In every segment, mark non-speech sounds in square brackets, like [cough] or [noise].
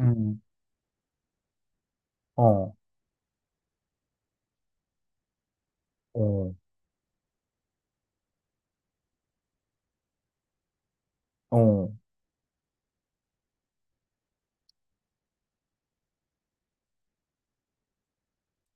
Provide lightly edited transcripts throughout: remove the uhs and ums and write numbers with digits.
음, 어, 어, 어,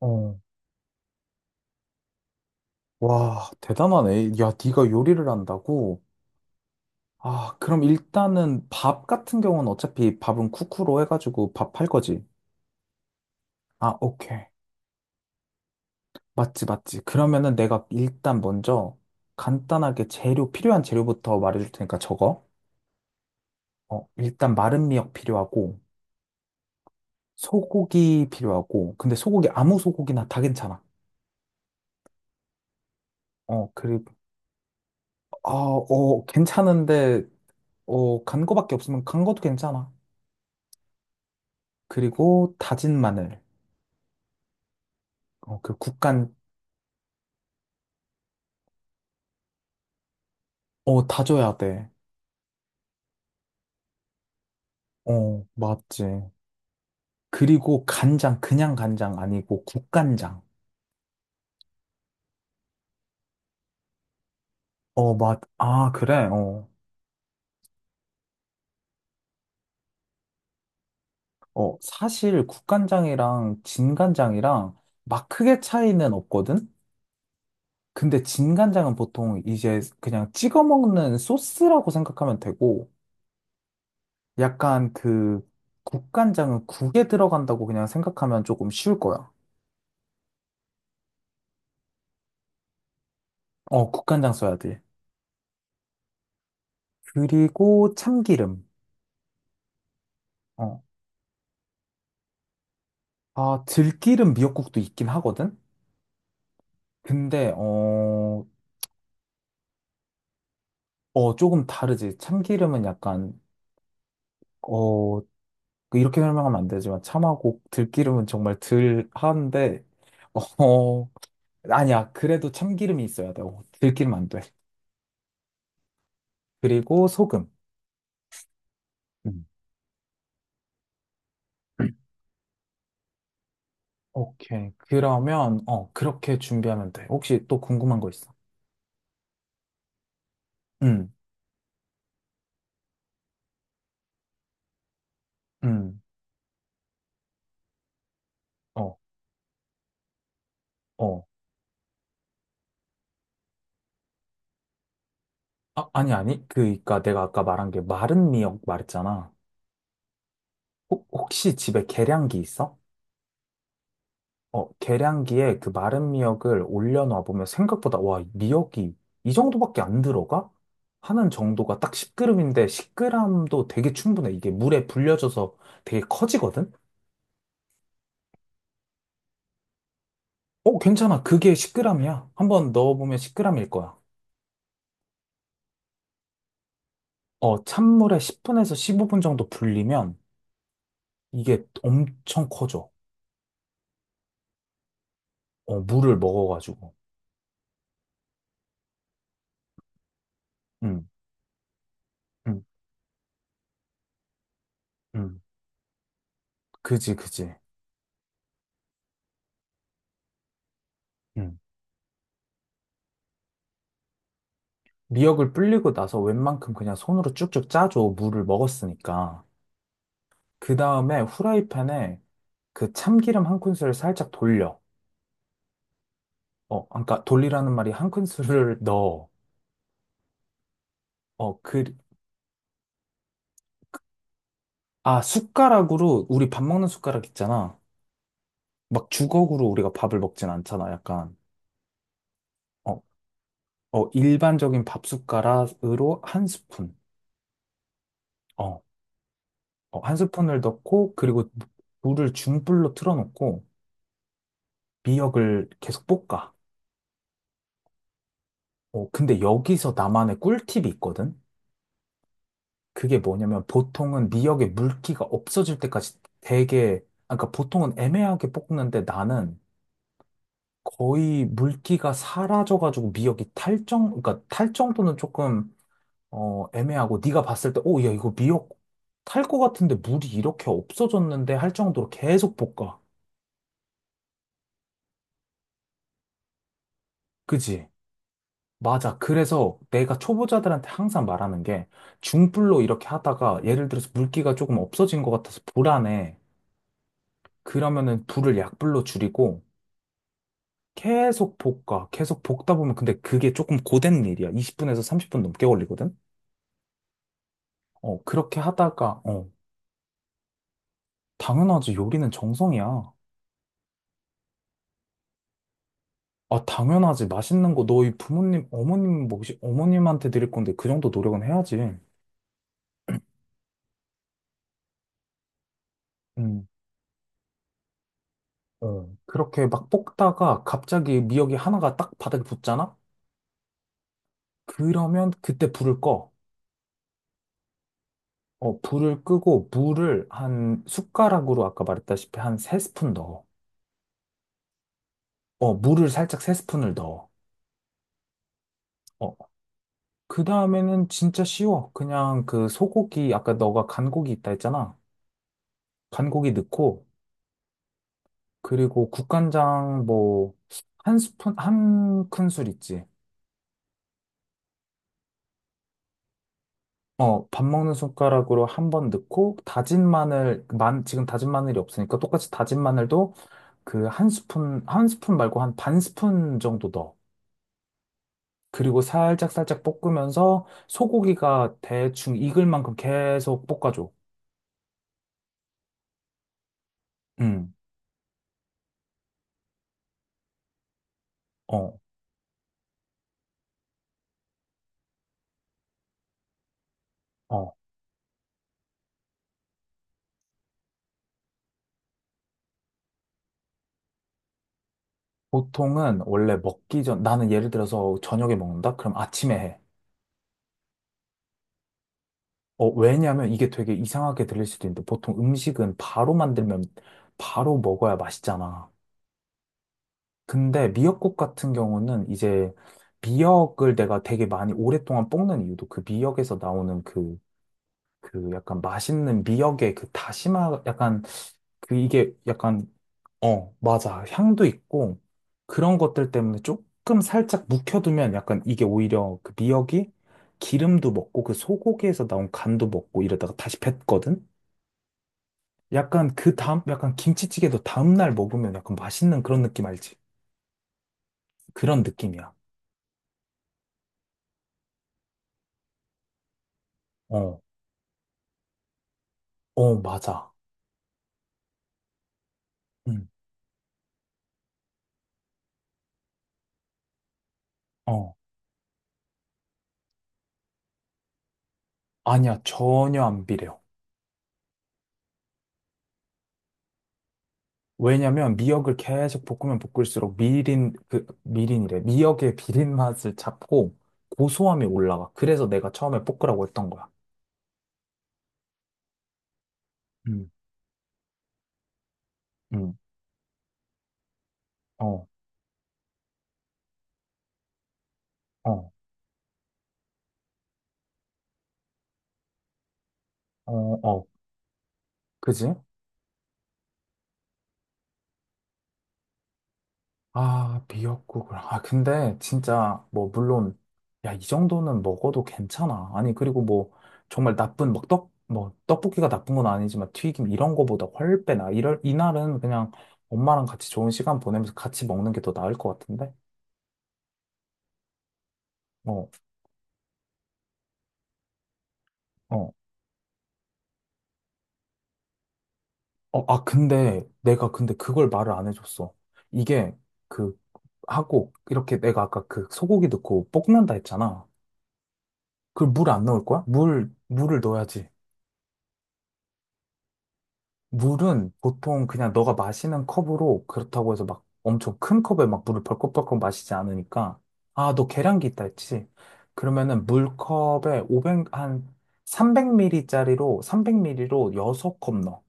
어. 와, 대단하네. 야, 네가 요리를 한다고? 아, 그럼 일단은 밥 같은 경우는 어차피 밥은 쿠쿠로 해가지고 밥 할 거지. 아, 오케이. 맞지, 맞지. 그러면은 내가 일단 먼저 간단하게 필요한 재료부터 말해줄 테니까 적어. 어, 일단 마른 미역 필요하고, 소고기 필요하고, 근데 소고기 아무 소고기나 다 괜찮아. 어, 그리고, 아, 어, 괜찮은데, 어, 간 거밖에 없으면 간 것도 괜찮아. 그리고 다진 마늘. 어, 그 국간, 어, 다져야 돼. 어, 맞지. 그리고 간장, 그냥 간장 아니고 국간장. 어, 아, 그래. 어, 어, 사실 국간장이랑 진간장이랑 막 크게 차이는 없거든? 근데 진간장은 보통 이제 그냥 찍어 먹는 소스라고 생각하면 되고, 약간 그 국간장은 국에 들어간다고 그냥 생각하면 조금 쉬울 거야. 어, 국간장 써야 돼. 그리고 참기름. 어. 아, 들기름 미역국도 있긴 하거든? 근데, 어, 어, 조금 다르지. 참기름은 약간, 어, 그 이렇게 설명하면 안 되지만, 참하고 들기름은 정말 들한데, 어, 아니야. 그래도 참기름이 있어야 돼. 어, 들기름 안 돼. 그리고 소금. 음. 오케이. 그러면, 어, 그렇게 준비하면 돼. 혹시 또 궁금한 거 있어? 응, 응, 어, 어. 아, 아니, 아니. 그니까 내가 아까 말한 게 마른 미역 말했잖아. 혹시 집에 계량기 있어? 어, 계량기에 그 마른 미역을 올려놔 보면 생각보다, 와, 미역이 이 정도밖에 안 들어가? 하는 정도가 딱 10g인데 10g도 되게 충분해. 이게 물에 불려져서 되게 커지거든? 어, 괜찮아. 그게 10g이야. 한번 넣어보면 10g일 거야. 어, 찬물에 10분에서 15분 정도 불리면 이게 엄청 커져. 어, 물을 먹어가지고. 응, 응, 응. 그지, 그지. 음. 미역을 불리고 나서 웬만큼 그냥 손으로 쭉쭉 짜줘. 물을 먹었으니까. 그 다음에 후라이팬에 그 참기름 한 큰술을 살짝 돌려. 어, 그러니까 돌리라는 말이 한 큰술을 [laughs] 넣어. 어, 그, 아, 숟가락으로, 우리 밥 먹는 숟가락 있잖아. 막 주걱으로 우리가 밥을 먹진 않잖아, 약간. 어, 어, 일반적인 밥 숟가락으로 한 스푼. 어, 어, 한 스푼을 넣고, 그리고 물을 중불로 틀어놓고, 미역을 계속 볶아. 어, 근데 여기서 나만의 꿀팁이 있거든? 그게 뭐냐면 보통은 미역에 물기가 없어질 때까지 되게, 아, 그러니까 보통은 애매하게 볶는데 나는 거의 물기가 사라져가지고 미역이 그러니까 탈 정도는 조금, 어, 애매하고 네가 봤을 때, 오, 야, 이거 미역 탈 것 같은데 물이 이렇게 없어졌는데 할 정도로 계속 볶아. 그지? 맞아. 그래서 내가 초보자들한테 항상 말하는 게 중불로 이렇게 하다가 예를 들어서 물기가 조금 없어진 것 같아서 불안해. 그러면은 불을 약불로 줄이고 계속 볶아. 계속 볶다 보면 근데 그게 조금 고된 일이야. 20분에서 30분 넘게 걸리거든? 어, 그렇게 하다가, 어, 당연하지. 요리는 정성이야. 아, 당연하지. 맛있는 거 너희 부모님, 어머님, 뭐 혹시 어머님한테 드릴 건데 그 정도 노력은 해야지. 음. 어, 그렇게 막 볶다가 갑자기 미역이 하나가 딱 바닥에 붙잖아? 그러면 그때 불을 꺼. 어, 불을 끄고 물을 한 숟가락으로 아까 말했다시피 한 세스푼 넣어. 어, 물을 살짝 세스푼을 넣어. 어, 그 다음에는 진짜 쉬워. 그냥 그 소고기, 아까 너가 간고기 있다 했잖아. 간고기 넣고, 그리고 국간장 뭐, 한 스푼, 한 큰술 있지. 어, 밥 먹는 숟가락으로 한번 넣고, 다진 마늘, 지금 다진 마늘이 없으니까 똑같이 다진 마늘도 그 한 스푼, 한 스푼 말고 한 반 스푼 정도 넣어. 그리고 살짝 살짝 볶으면서 소고기가 대충 익을 만큼 계속 볶아줘. 응, 어, 어. 보통은 원래 먹기 전, 나는 예를 들어서 저녁에 먹는다? 그럼 아침에 해. 어, 왜냐면 이게 되게 이상하게 들릴 수도 있는데 보통 음식은 바로 만들면 바로 먹어야 맛있잖아. 근데 미역국 같은 경우는 이제 미역을 내가 되게 많이 오랫동안 볶는 이유도 그 미역에서 나오는 그 약간 맛있는 미역의 그 다시마 약간 그 이게 약간 어, 맞아, 향도 있고 그런 것들 때문에 조금 살짝 묵혀두면 약간 이게 오히려 그 미역이 기름도 먹고 그 소고기에서 나온 간도 먹고 이러다가 다시 뱉거든. 약간 그 다음 약간 김치찌개도 다음날 먹으면 약간 맛있는 그런 느낌 알지? 그런 느낌이야. 어, 어, 맞아. 응, 어, 아니야, 전혀 안 비려. 왜냐면 미역을 계속 볶으면 볶을수록 미린이래. 미역의 비린 맛을 잡고 고소함이 올라가. 그래서 내가 처음에 볶으라고 했던 거야. 음. 응, 어, 어, 어, 어. 그지? 아, 미역국을. 아, 근데 진짜 뭐, 물론, 야, 이 정도는 먹어도 괜찮아. 아니, 그리고 뭐, 정말 나쁜, 막 떡볶이가 나쁜 건 아니지만 튀김 이런 거보다 훨빼나. 이날은 그냥 엄마랑 같이 좋은 시간 보내면서 같이 먹는 게 더 나을 것 같은데? 어, 어. 어, 아, 근데 내가 근데 그걸 말을 안 해줬어. 이게 그 하고 이렇게 내가 아까 그 소고기 넣고 볶는다 했잖아. 그걸 물 안 넣을 거야? 물을 넣어야지. 물은 보통 그냥 너가 마시는 컵으로, 그렇다고 해서 막 엄청 큰 컵에 막 물을 벌컥벌컥 마시지 않으니까. 아, 너 계량기 있다 했지? 그러면은 물컵에 500, 한 300ml짜리로, 300ml로 6컵 넣어.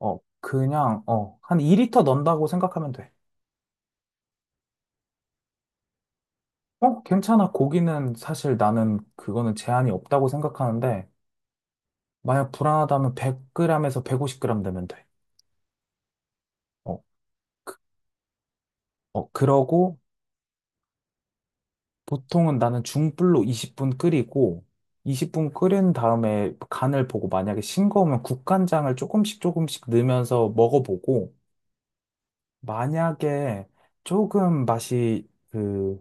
어, 그냥, 어, 한 2리터 넣는다고 생각하면 돼. 어, 괜찮아. 고기는 사실 나는 그거는 제한이 없다고 생각하는데, 만약 불안하다면 100g에서 150g 되면 돼. 어, 어, 그러고 보통은 나는 중불로 20분 끓이고, 20분 끓인 다음에 간을 보고 만약에 싱거우면 국간장을 조금씩 조금씩 넣으면서 먹어보고, 만약에 조금 맛이 그,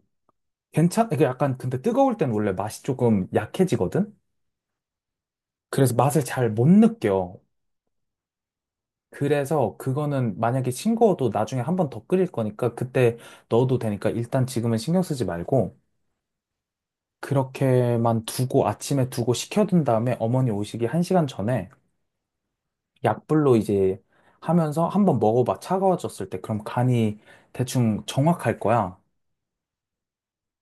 이게 약간 근데 뜨거울 땐 원래 맛이 조금 약해지거든? 그래서 맛을 잘 못 느껴. 그래서 그거는 만약에 싱거워도 나중에 한 번 더 끓일 거니까 그때 넣어도 되니까 일단 지금은 신경 쓰지 말고 그렇게만 두고 아침에 두고 식혀둔 다음에 어머니 오시기 1시간 전에 약불로 이제 하면서 한번 먹어봐. 차가워졌을 때. 그럼 간이 대충 정확할 거야.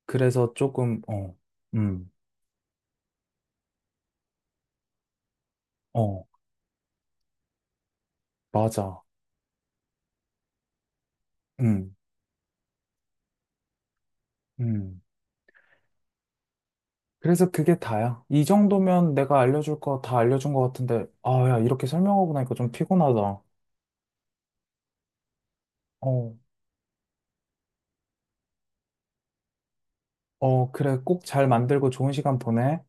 그래서 조금, 어, 음, 어, 맞아. 음, 음. 그래서 그게 다야. 이 정도면 내가 알려줄 거 다 알려준 거 같은데, 아, 야, 이렇게 설명하고 나니까 좀 피곤하다. 어. 어, 그래. 꼭 잘 만들고 좋은 시간 보내.